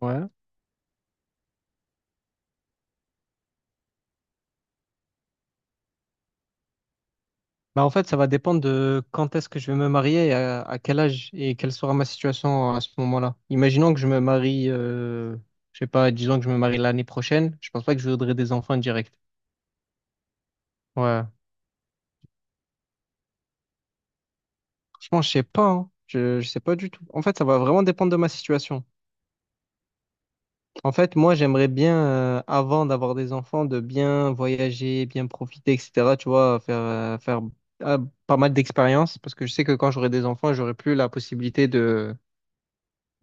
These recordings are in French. Ouais. Bah, en fait, ça va dépendre de quand est-ce que je vais me marier, et à quel âge et quelle sera ma situation à ce moment-là. Imaginons que je me marie, je sais pas, disons que je me marie l'année prochaine, je pense pas que je voudrais des enfants direct. Ouais. Franchement, je sais pas, hein. Je sais pas du tout. En fait, ça va vraiment dépendre de ma situation. En fait, moi, j'aimerais bien, avant d'avoir des enfants, de bien voyager, bien profiter, etc. Tu vois, faire euh, pas mal d'expériences, parce que je sais que quand j'aurai des enfants, j'aurai plus la possibilité de,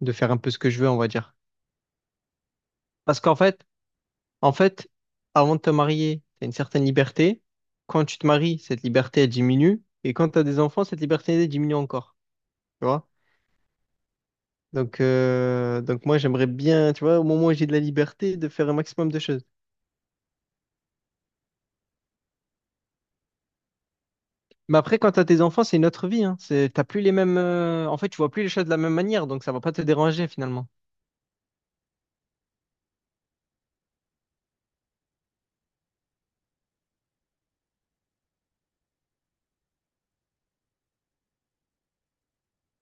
de faire un peu ce que je veux, on va dire. Parce qu'en fait, avant de te marier, tu as une certaine liberté. Quand tu te maries, cette liberté, elle diminue. Et quand tu as des enfants, cette liberté, elle diminue encore. Tu vois? Donc, moi, j'aimerais bien, tu vois, au moment où j'ai de la liberté, de faire un maximum de choses. Mais après, quand tu as tes enfants, c'est une autre vie. Hein. T'as plus les mêmes. En fait, tu vois plus les choses de la même manière. Donc, ça va pas te déranger finalement.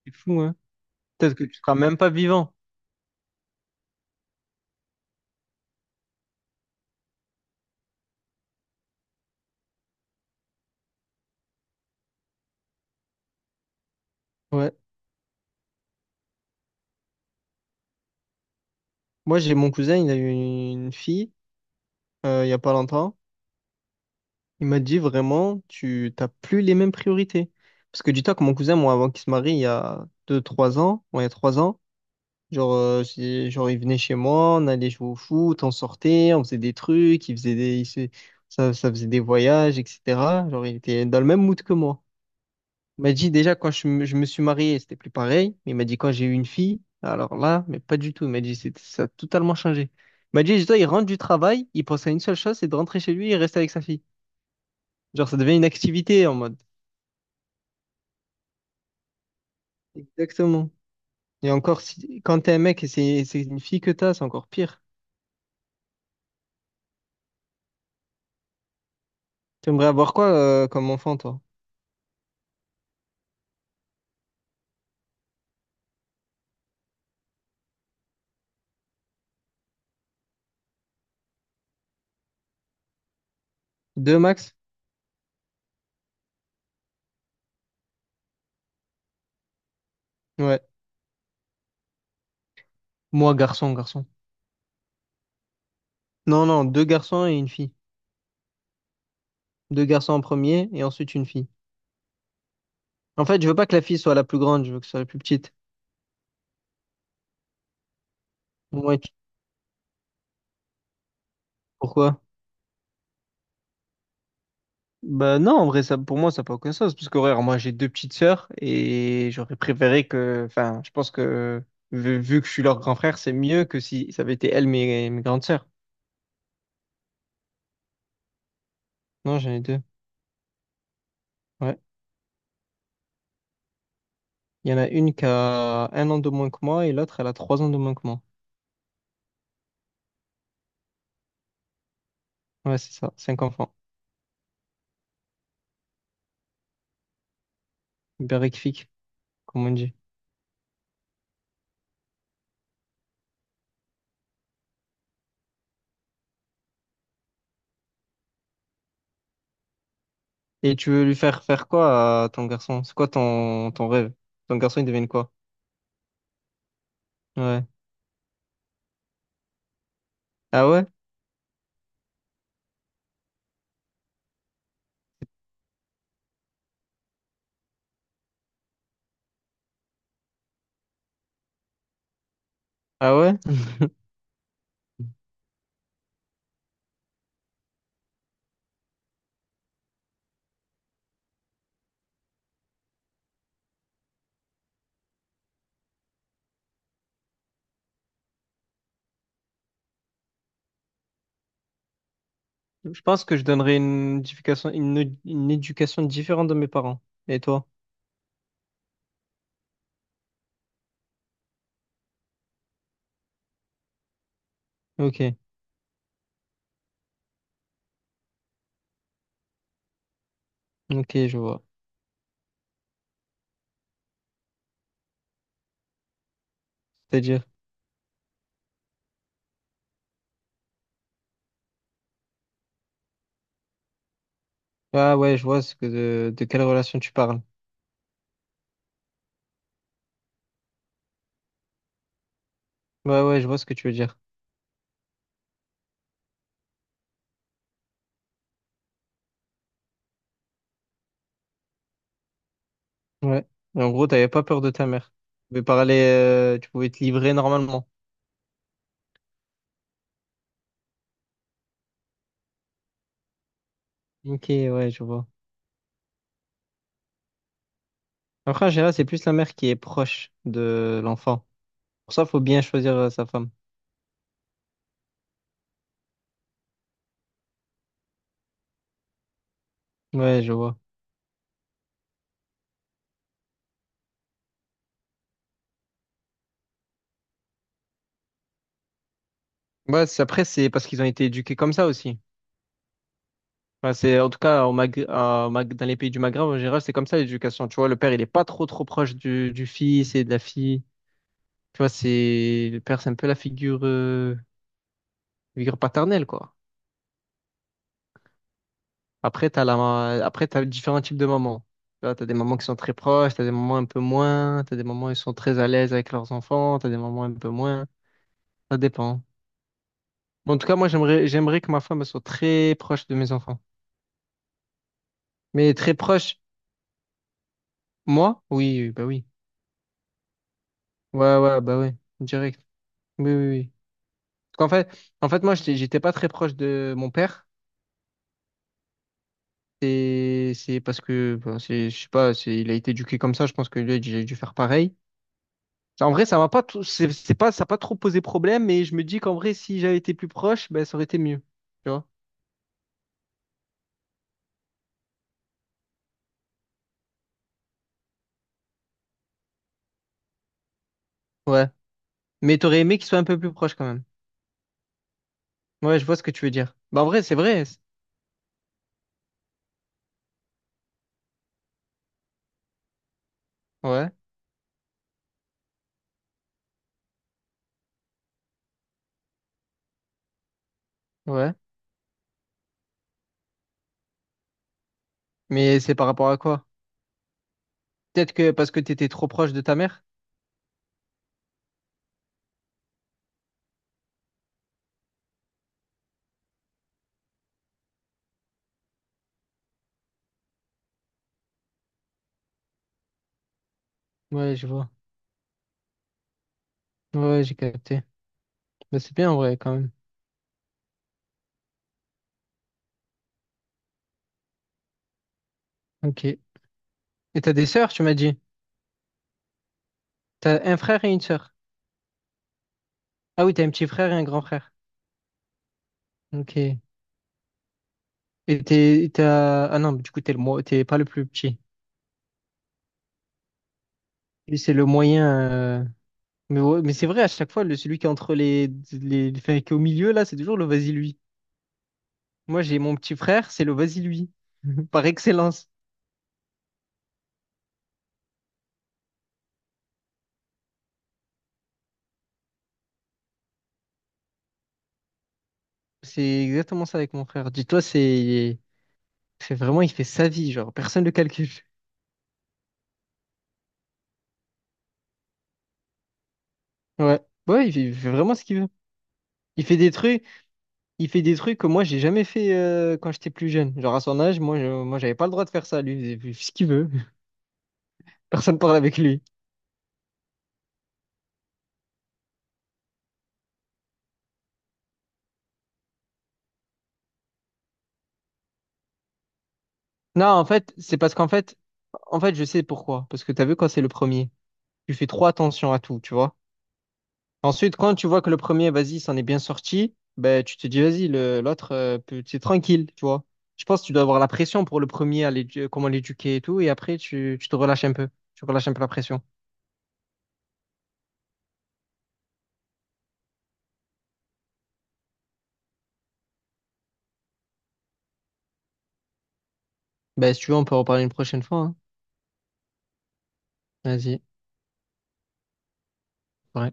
C'est fou, hein? Peut-être que tu seras même pas vivant. Ouais. Moi, j'ai mon cousin, il a eu une fille il y a pas longtemps. Il m'a dit vraiment, tu t'as plus les mêmes priorités. Parce que dis-toi que mon cousin, moi, avant qu'il se marie, il y a 3 ans, genre, il venait chez moi, on allait jouer au foot, on sortait, on faisait des trucs, il faisait des, il se- ça faisait des voyages, etc. Genre, il était dans le même mood que moi. Il m'a dit déjà, quand je me suis marié, c'était plus pareil. Mais il m'a dit, quand j'ai eu une fille, alors là, mais pas du tout. Il m'a dit, ça a totalement changé. Il m'a dit, dis-toi, il rentre du travail, il pense à une seule chose, c'est de rentrer chez lui et rester avec sa fille. Genre, ça devient une activité en mode. Exactement. Et encore, si... quand t'es un mec et c'est une fille que t'as, c'est encore pire. T'aimerais avoir quoi comme enfant, toi? Deux max? Ouais. Moi, garçon, garçon. Non, non, deux garçons et une fille. Deux garçons en premier et ensuite une fille. En fait, je veux pas que la fille soit la plus grande, je veux que ce soit la plus petite. Ouais, pourquoi? Bah non, en vrai, ça, pour moi, ça n'a pas aucun sens. Parce que, ouais, moi, j'ai deux petites sœurs et j'aurais préféré que. Enfin, je pense que vu que je suis leur grand frère, c'est mieux que si ça avait été elles, mes grandes sœurs. Non, j'en ai deux. Ouais. Il y en a une qui a un an de moins que moi et l'autre, elle a 3 ans de moins que moi. Ouais, c'est ça. Cinq enfants. Berrifique, comme on dit. Et tu veux lui faire faire quoi à ton garçon? C'est quoi ton rêve? Ton garçon, il devient quoi? Ouais. Ah ouais? Ah ouais? Je pense que je donnerais une éducation différente de mes parents. Et toi? Ok. Ok, je vois. C'est-à-dire. Ah ouais, je vois ce que de quelle relation tu parles. Ouais, ouais, je vois ce que tu veux dire. Ouais. Et en gros, t'avais pas peur de ta mère. Tu pouvais parler, tu pouvais te livrer normalement. Ok, ouais, je vois. Après, en général, c'est plus la mère qui est proche de l'enfant. Pour ça, faut bien choisir sa femme. Ouais, je vois. Ouais, après, c'est parce qu'ils ont été éduqués comme ça aussi. Enfin, en tout cas, au Mag- à- au Mag- dans les pays du Maghreb, en général, c'est comme ça l'éducation. Tu vois, le père, il est pas trop, trop proche du fils et de la fille. Tu vois, le père, c'est un peu la figure paternelle, quoi. Après, t'as différents types de mamans. Tu vois, t'as des mamans qui sont très proches, t'as des mamans un peu moins, t'as des mamans qui sont très à l'aise avec leurs enfants, t'as des mamans un peu moins. Ça dépend. Bon, en tout cas, moi, j'aimerais que ma femme elle soit très proche de mes enfants. Mais très proche, moi? Oui, oui, bah oui. Ouais, ouais, bah oui. Direct. Oui, oui, oui. Parce qu'en fait, moi, j'étais pas très proche de mon père. C'est parce que, bon, je sais pas, il a été éduqué comme ça. Je pense que lui, j'ai dû faire pareil. En vrai, ça m'a pas tout- c'est pas, ça a pas trop posé problème, mais je me dis qu'en vrai, si j'avais été plus proche, ben, ça aurait été mieux. Tu vois? Ouais. Mais t'aurais aimé qu'il soit un peu plus proche quand même. Ouais, je vois ce que tu veux dire. Bah, en vrai, c'est vrai. Ouais, ouais. Mais c'est par rapport à quoi? Peut-être que parce que t'étais trop proche de ta mère? Ouais, je vois. Ouais, j'ai capté. Bah, c'est bien en vrai quand même. Ok. Et t'as des sœurs, tu m'as dit? T'as un frère et une sœur. Ah oui, t'as un petit frère et un grand frère. Ok. Ah non, mais du coup, t'es le, t'es pas le plus petit. Lui, c'est le moyen. Mais, ouais, mais c'est vrai, à chaque fois, celui qui est entre enfin, qui est au milieu, là, c'est toujours le vas-y lui. Moi, j'ai mon petit frère, c'est le vas-y lui, par excellence. C'est exactement ça avec mon frère. Dis-toi, c'est vraiment, il fait sa vie, genre, personne ne le calcule. Ouais, ouais, il fait vraiment ce qu'il veut. Il fait des trucs, il fait des trucs que moi, j'ai jamais fait quand j'étais plus jeune. Genre, à son âge, moi, j'avais pas le droit de faire ça. Lui, il faisait ce qu'il veut. Personne parle avec lui. Non, en fait, c'est parce qu'en fait, je sais pourquoi. Parce que t'as vu, quand c'est le premier, tu fais trop attention à tout, tu vois. Ensuite, quand tu vois que le premier, vas-y, s'en est bien sorti, ben, tu te dis, vas-y, l'autre, c'est tranquille, tu vois. Je pense que tu dois avoir la pression pour le premier, comment l'éduquer et tout, et après, tu te relâches un peu. Tu relâches un peu la pression. Ben, si tu veux, on peut en parler une prochaine fois, hein. Vas-y. Ouais.